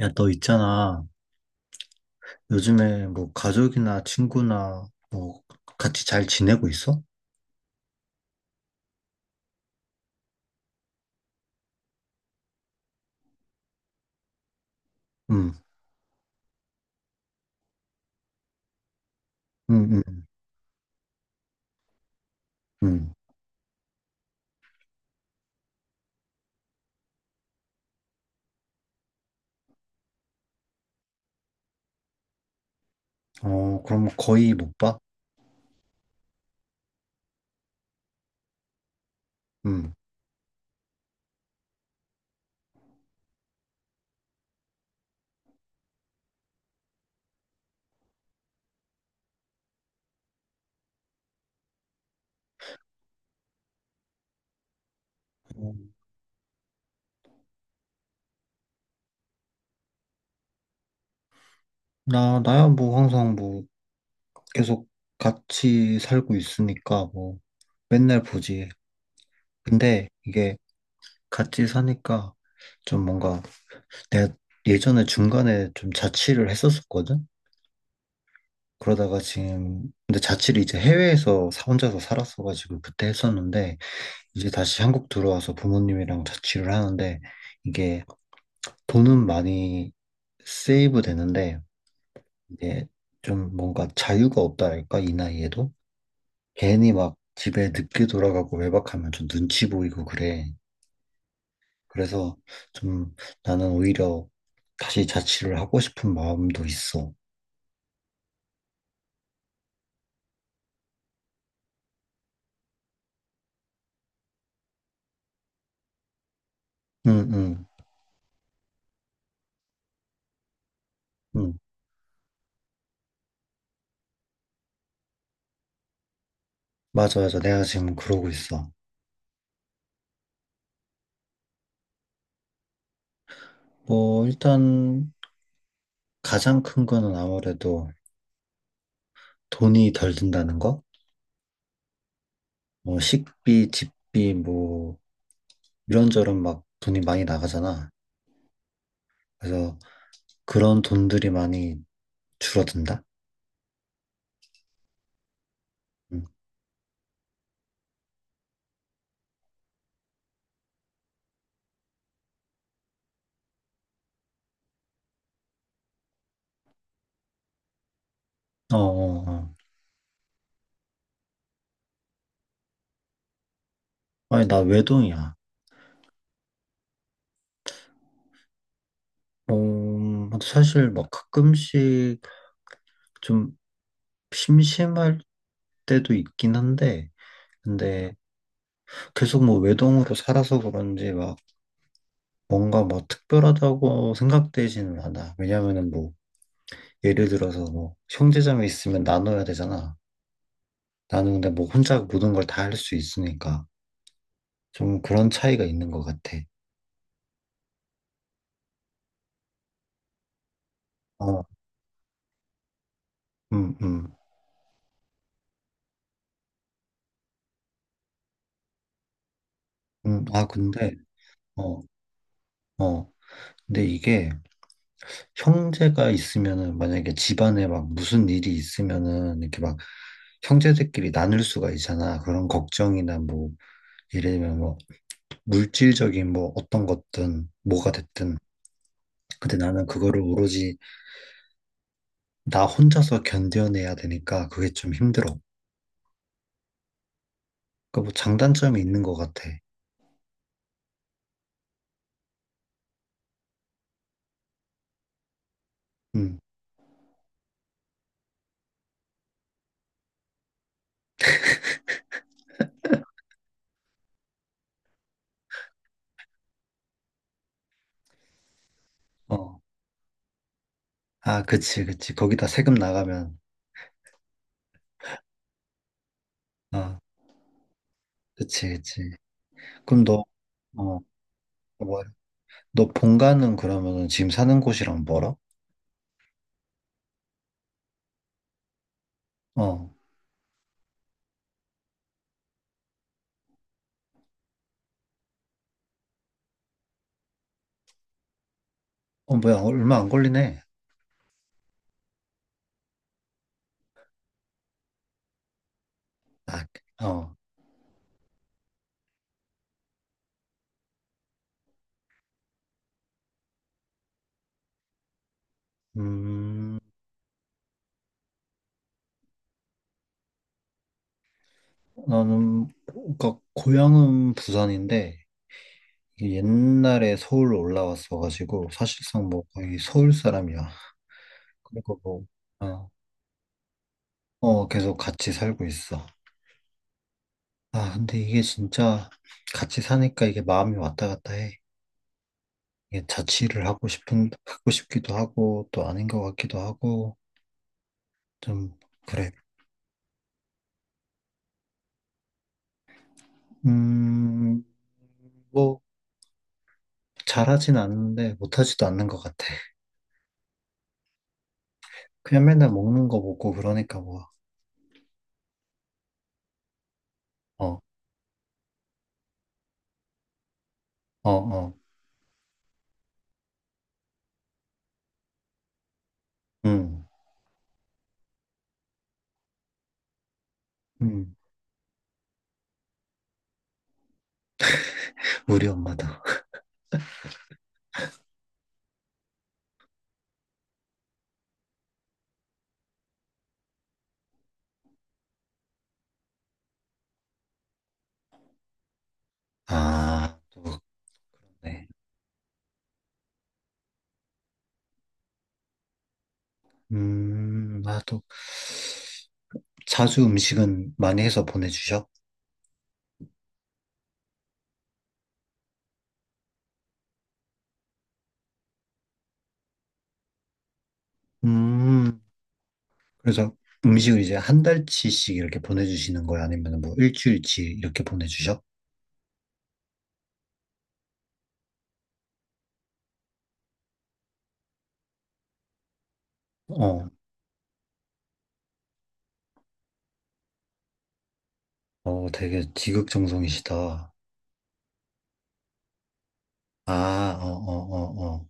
야, 너 있잖아. 요즘에 뭐 가족이나 친구나 뭐 같이 잘 지내고 있어? 응, 응, 응, 응. 어, 그럼 거의 못 봐? 응. 어, 나야 뭐 항상 뭐 계속 같이 살고 있으니까 뭐 맨날 보지. 근데 이게 같이 사니까 좀 뭔가 내가 예전에 중간에 좀 자취를 했었었거든? 그러다가 지금, 근데 자취를 이제 해외에서 혼자서 살았어가지고 그때 했었는데 이제 다시 한국 들어와서 부모님이랑 자취를 하는데 이게 돈은 많이 세이브 되는데 이제 좀 뭔가 자유가 없다랄까 이 나이에도 괜히 막 집에 늦게 돌아가고 외박하면 좀 눈치 보이고 그래. 그래서 좀 나는 오히려 다시 자취를 하고 싶은 마음도 있어. 응, 응, 응. 맞아, 맞아. 내가 지금 그러고 있어. 뭐 일단 가장 큰 거는 아무래도 돈이 덜 든다는 거? 뭐 식비, 집비, 뭐 이런저런 막 돈이 많이 나가잖아. 그래서 그런 돈들이 많이 줄어든다. 음. 어, 어, 어. 아니 나 외동이야. 어, 사실 막 가끔씩 좀 심심할 때도 있긴 한데, 근데 계속 뭐 외동으로 살아서 그런지 막 뭔가 뭐 특별하다고 생각되지는 않아. 왜냐면은 뭐 예를 들어서 뭐 형제자매 있으면 나눠야 되잖아. 나는 근데 뭐 혼자 모든 걸 다 할 수 있으니까 좀 그런 차이가 있는 것 같아. 어, 음, 음, 아, 근데, 어, 어. 근데 이게 형제가 있으면은 만약에 집안에 막 무슨 일이 있으면은 이렇게 막 형제들끼리 나눌 수가 있잖아. 그런 걱정이나 뭐 예를 들면 뭐 물질적인 뭐 어떤 것든 뭐가 됐든. 근데 나는 그거를 오로지 나 혼자서 견뎌내야 되니까 그게 좀 힘들어. 그러니까 뭐 장단점이 있는 것 같아. 음. 어, 아, 그치, 그치. 거기다 세금 나가면. 아, 그치, 그치. 그럼 어, 뭐 너 본가는 그러면은 지금 사는 곳이랑 멀어? 어, 어, 뭐야. 얼마 안 걸리네. 아, 어, 음, 나는, 그니까, 고향은 부산인데, 이게 옛날에 서울로 올라왔어가지고, 사실상 뭐 거의 서울 사람이야. 그리고 뭐, 어, 계속 같이 살고 있어. 아, 근데 이게 진짜 같이 사니까 이게 마음이 왔다 갔다 해. 이게 자취를 하고 싶은, 하고 싶기도 하고, 또 아닌 것 같기도 하고, 좀, 그래. 음, 뭐, 잘하진 않는데, 못하지도 않는 것 같아. 그냥 맨날 먹는 거 먹고, 그러니까 뭐, 어, 어, 어, 음, 음, 우리 엄마도. 아, 또, 네. 아, 또, 자주 음식은 많이 해서 보내주셔? 음, 그래서 음식을 이제 한 달치씩 이렇게 보내주시는 거야? 아니면 뭐 일주일치 이렇게 보내주셔? 어, 어, 되게 지극정성이시다. 아, 어, 어, 어,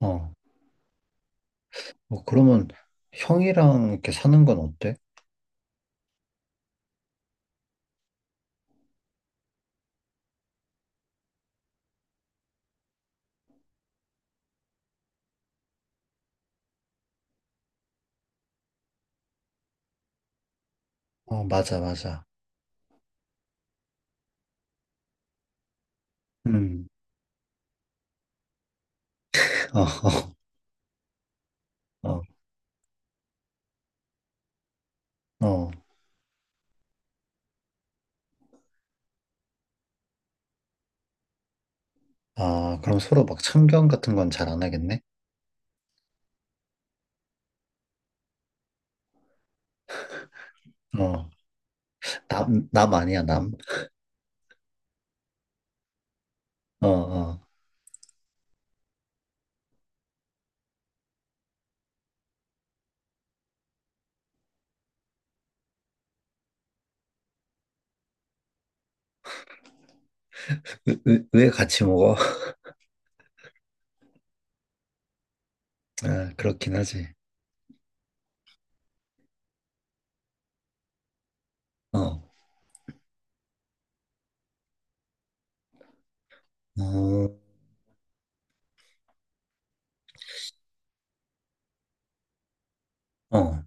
어, 어. 어, 그러면 형이랑 이렇게 사는 건 어때? 어, 맞아, 맞아. 음, 어, 어, 어. 어. 아, 그럼 서로 막 참견 같은 건 잘 안 하겠네? 어, 남 아니야, 남. 어, 어. 왜 같이 먹어? 아, 그렇긴 하지. 어, 어, 어,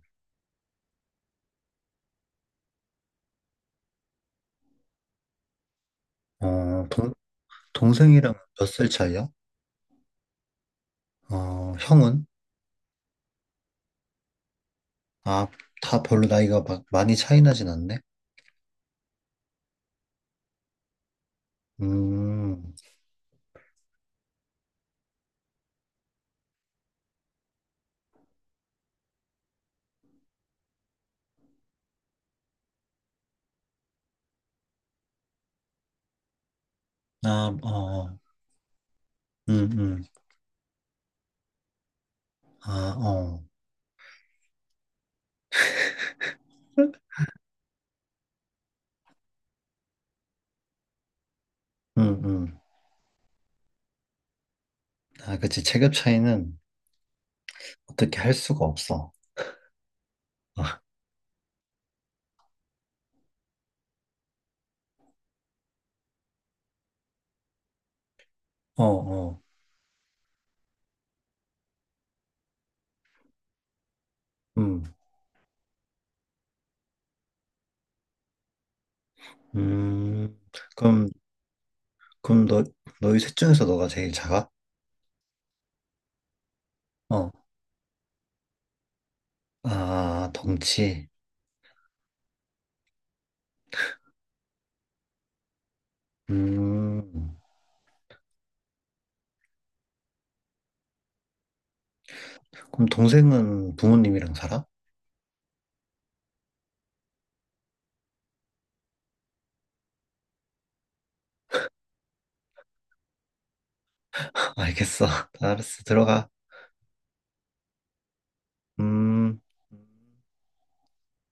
어, 동생이랑 몇 살 차이야? 어, 형은? 아, 다 별로 나이가 막 많이 차이 나진 않네? 음, 아, 어, 음, 음, 아, 어, 음, 음. 아, 그치. 체급 차이는 어떻게 할 수가 없어. 아, 어, 어, 음, 음. 그럼, 그럼 너희 셋 중에서 너가 제일 작아? 어, 아, 덩치. 음, 그럼 동생은 부모님이랑 살아? 알겠어. 알았어. 들어가. 음.